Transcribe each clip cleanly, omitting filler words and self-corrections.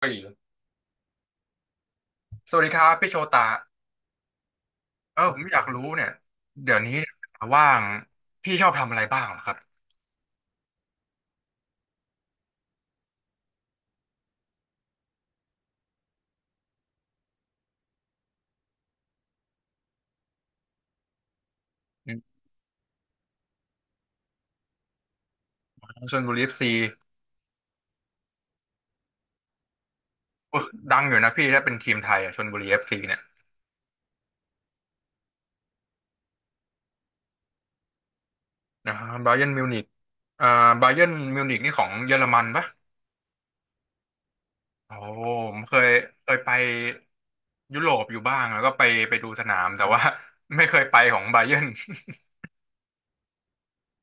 เฮ้ยสวัสดีครับพี่โชตาเออผมอยากรู้เนี่ยเดี๋ยวนี้ว่างพี่ชอบทำอะไรบ้างเหรอครับอืมชลบุรีเอฟซีดังอยู่นะพี่ถ้าเป็นทีมไทยอ่ะชลบุรีเอฟซีเนี่ยนะบาเยิร์นมิวนิกอ่าบาเยิร์นมิวนิกนี่ของเยอรมันปะโอ้ผมเคยไปยุโรปอยู่บ้างแล้วก็ไปดูสนามแต่ว่า ไม่เคยไปของบา เยิร์น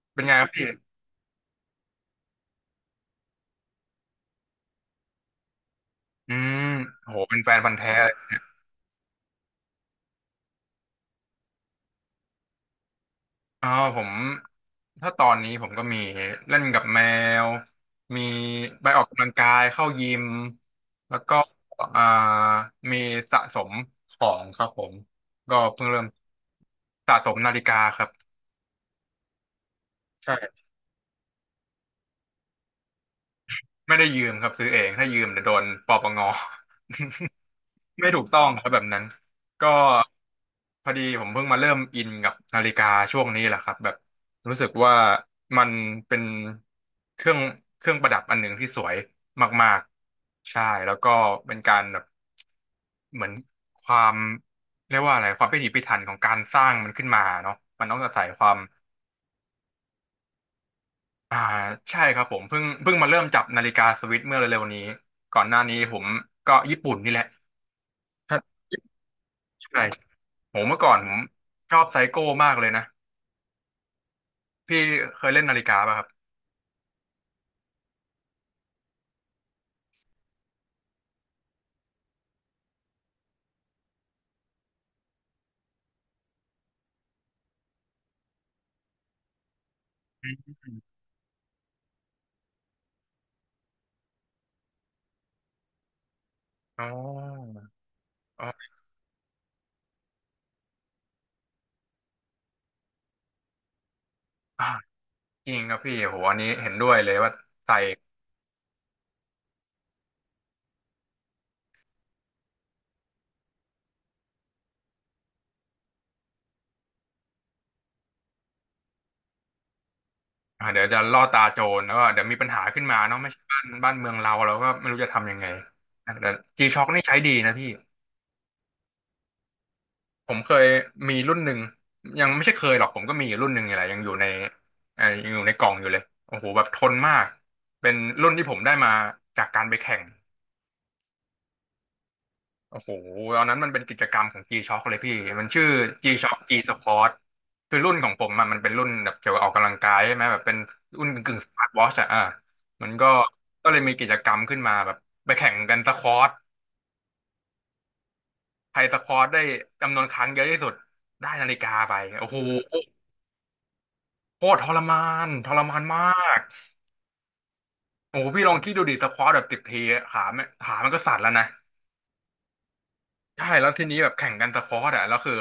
เป็นไงครับพี่อืมโหเป็นแฟนพันธุ์แท้ อ๋อผมถ้าตอนนี้ผมก็มีเล่นกับแมวมีไปออกกำลังกายเข้ายิมแล้วก็อ่ามีสะสมของครับผมก็เพิ่งเริ่มสะสมนาฬิกาครับใช่ไม่ได้ยืมครับซื้อเองถ้ายืมเดี๋ยวโดนปปง ไม่ถูกต้องครับแบบนั้นก็พอดีผมเพิ่งมาเริ่มอินกับนาฬิกาช่วงนี้แหละครับแบบรู้สึกว่ามันเป็นเครื่องเครื่องประดับอันหนึ่งที่สวยมากๆใช่แล้วก็เป็นการแบบเหมือนความเรียกว่าอะไรความพิถีพิถันของการสร้างมันขึ้นมาเนาะมันต้องอาศัยความอ่าใช่ครับผมเพิ่งมาเริ่มจับนาฬิกาสวิสเมื่อเร็วๆนี้ก่อนหน้านี้ผมก็ญี่ปุ่นนี่แหละใช่ ผมเมื่อก่อนผมชอบไซโก้มากเลยนะพี่เคยเล่นนาฬิกาป่ะครับอืมอ๋ออ๋ออ่าจริงครับพี่โหอันนี้เห็นด้วยเลยว่าใส่อ่าเดี๋ยวจะล่อตาโจรแล้วก็เดี๋ยวมีปัญหาขึ้นมาเนาะไม่ใช่บ้านเมืองเราก็ไม่รู้จะทำยังไงแต่จีช็อคนี่ใช้ดีนะพี่ผมเคยมีรุ่นหนึ่งยังไม่ใช่เคยหรอกผมก็มีอยู่รุ่นหนึ่งนี่แหละยังอยู่ในกล่องอยู่เลยโอ้โหแบบทนมากเป็นรุ่นที่ผมได้มาจากการไปแข่ง โอ้โหตอนนั้นมันเป็นกิจกรรมของ G-Shock เลยพี่มันชื่อ G-Shock G Sport คือรุ่นของผมอะมันเป็นรุ่นแบบเกี่ยวกับออกกำลังกายใช่ไหมแบบเป็นรุ่นกึ่งสมาร์ทวอชอะอ่ะมันก็เลยมีกิจกรรมขึ้นมาแบบไปแข่งกันสควอตใครสควอตได้จำนวนครั้งเยอะที่สุดได้นาฬิกาไปโอ้โหโคตรทรมานมากโอ้โหพี่ลองคิดดูดิสควอตแบบสิบทีขาไม่ขามันก็สั่นแล้วนะ ใช่แล้วทีนี้แบบแข่งกันตะคอร์ดอะแล้วคือ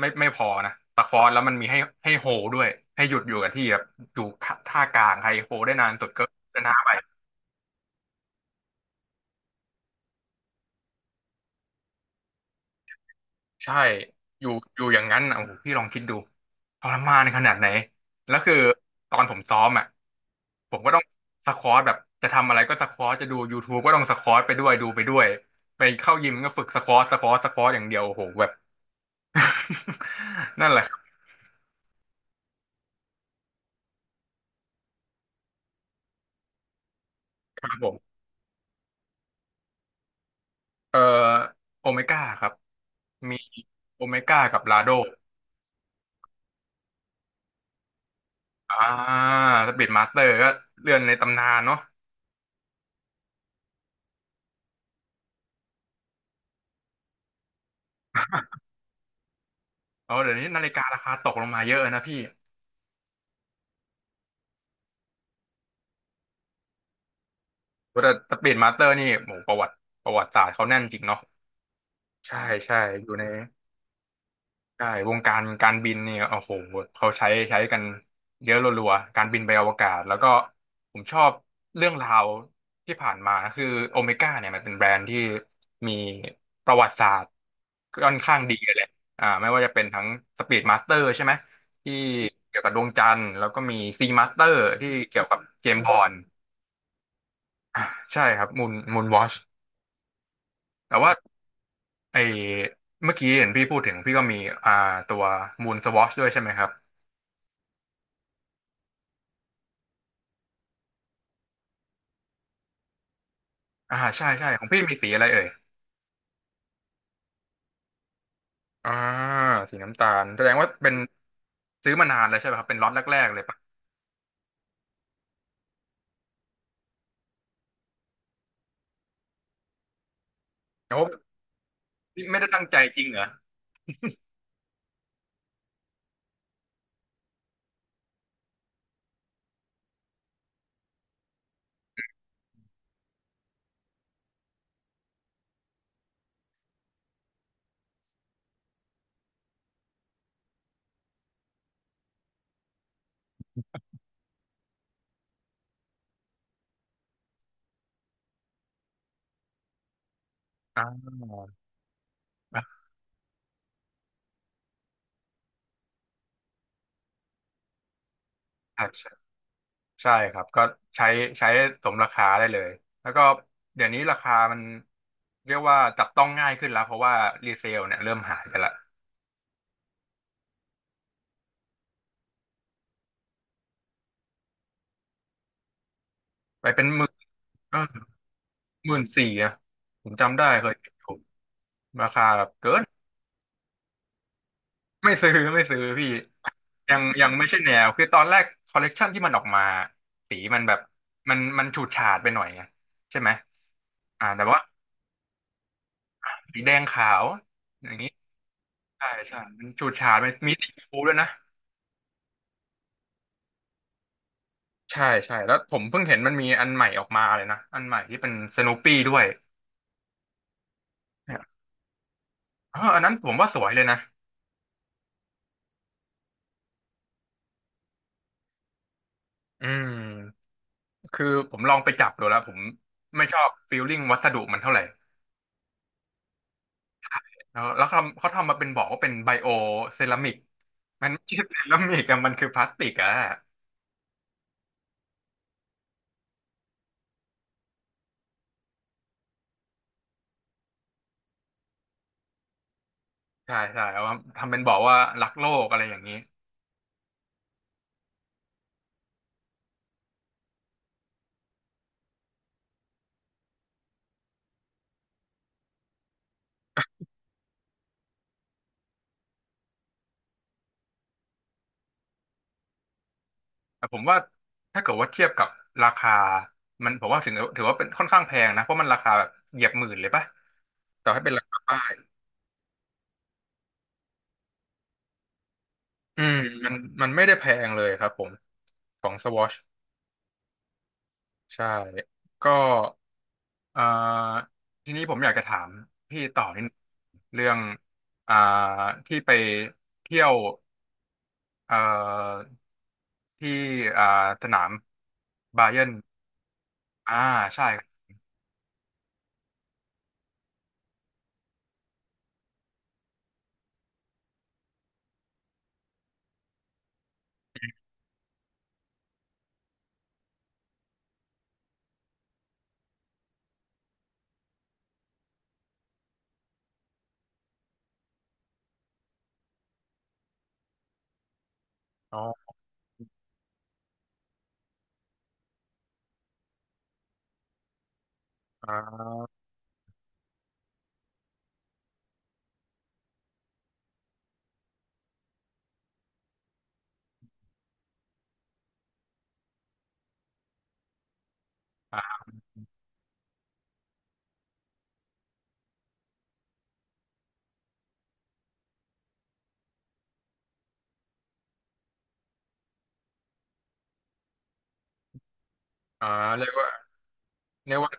ไม่พอนะตะคอร์ดแล้วมันมีให้โฮด้วยให้หยุดอยู่กับที่แบบอยู่ท่ากลางใครโฮได้นานสุดก็ชนะไปใช่อยู่อยู่อย่างนั้นอ่ะโอ้โหพี่ลองคิดดูทรมานขนาดไหนแล้วคือตอนผมซ้อมอ่ะผมก็ต้องสควอตแบบจะทำอะไรก็สควอตจะดูยูท t u e ก็ต้องสควอตไปด้วยดูไปด้วยไปเข้ายิมก็ฝึกสควอตสควอตสควอตอย่างเดียวโอ้โหแบบ นั่นแหละครับครับผมเอ่อโอเมก้าครับ มีโอเมก้ากับลาโดอ่าสปีดมาสเตอร์ก็เรื่อนในตำนานเนาะ เอาเดี๋ยวนี้นาฬิการาคาตกลงมาเยอะนะพี่แต่สปีดมาสเตอร์นี่โหประวัติประวัติศาสตร์เขาแน่นจริงเนาะใช่ใช่อยู่ใน ใช่วงการการบินเนี่ยโอ้โหเขาใช้กันเยอะรัวๆการบินไปอวกาศแล้วก็ผมชอบเรื่องราวที่ผ่านมาคือโอเมก้าเนี่ยมันเป็นแบรนด์ที่มีประวัติศาสตร์ค่อนข้างดีเลยแหละไม่ว่าจะเป็นทั้งสปีดมาสเตอร์ใช่ไหมที่เกี่ยวกับดวงจันทร์แล้วก็มีซีมาสเตอร์ที่เกี่ยวกับเจมส์บอนด์อ่าใช่ครับมูนวอชแต่ว่าไอเมื่อกี้เห็นพี่พูดถึงพี่ก็มีอ่าตัวมูนสวอชด้วยใช่ไหมครับ อ่าใช่ใช่ของพี่มีสีอะไรเอ่ยอ่าสีน้ำตาลแสดงว่าเป็นซื้อมานานแล้วใช่ไหมครับเป็นล็อตแรกๆเลยปะโอ้พี่ไม่ได้ตั้งใจจริงเหรออ่า อ่ะใช่ใช่ครับก็ใช้ใช้สมราคาได้เลยแล้วก็เดี๋ยวนี้ราคามันเรียกว่าจับต้องง่ายขึ้นแล้วเพราะว่ารีเซลเนี่ยเริ่มหายไปละไปเป็นหมื่นเออหมื่นสี่อะผมจำได้เคยเห็นอยู่ราคาแบบเกิน ไม่ซื้อไม่ซื้อพี่ยังไม่ใช่แนวคือตอนแรกคอลเลกชันที่มันออกมาสีมันแบบมันฉูดฉาดไปหน่อยไงใช่ไหมแต่ว่าสีแดงขาวอย่างนี้ใช่ใช่มันฉูดฉาดมันมีสีชมพูด้วยนะใช่ใช่แล้วผมเพิ่งเห็นมันมีอันใหม่ออกมาเลยนะอันใหม่ที่เป็นสโน o ปี้ด้วยเนี่ยเอออันนั้นผมว่าสวยเลยนะอืมคือผมลองไปจับดูแล้วผมไม่ชอบฟีลลิ่งวัสดุมันเท่าไหร่ แล้วเขาทำมาเป็นบอกว่าเป็นไบโอเซรามิกมันไม่ใช่เซรามิกอะมันคือพลาสติกอะใช่ใช่เอามาทำเป็นบอกว่ารักโลกอะไรอย่างนี้แต่ผมว่าถ้าเกิดว่าเทียบกับราคามันผมว่าถึงถือว่าเป็นค่อนข้างแพงนะเพราะมันราคาแบบเหยียบหมื่นเลยปะต่อให้เป็นราคาป้ายอืมมันมันไม่ได้แพงเลยครับผมของสวอชใช่ก็เอ่อทีนี้ผมอยากจะถามพี่ต่อนิดนึงเรื่องอ่าที่ไปเที่ยว เอ่อที่อ่าสนามบาเยิร์นอ่าใช่ครับอ๋ออ่าอ่าอ่าเรียกว่าเรียกว่า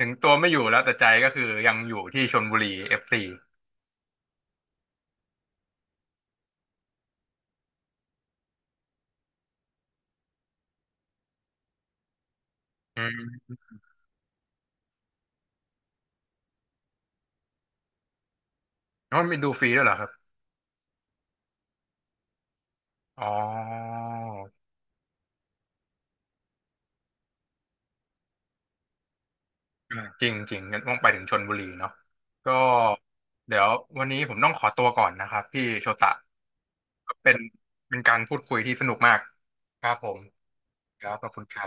ถึงตัวไม่อยู่แล้วแต่ใจก็คือยังอยู่ที่ชลบุรีเอฟซีอืมแล้วมันมีดูฟรีด้วยเหรอครับอ๋ออืมจริงจริงงั้นต้องไปถึงชลบุรีเนาะก็เดี๋ยววันนี้ผมต้องขอตัวก่อนนะครับพี่โชตะก็เป็นการพูดคุยที่สนุกมากครับผมครับขอบคุณครับ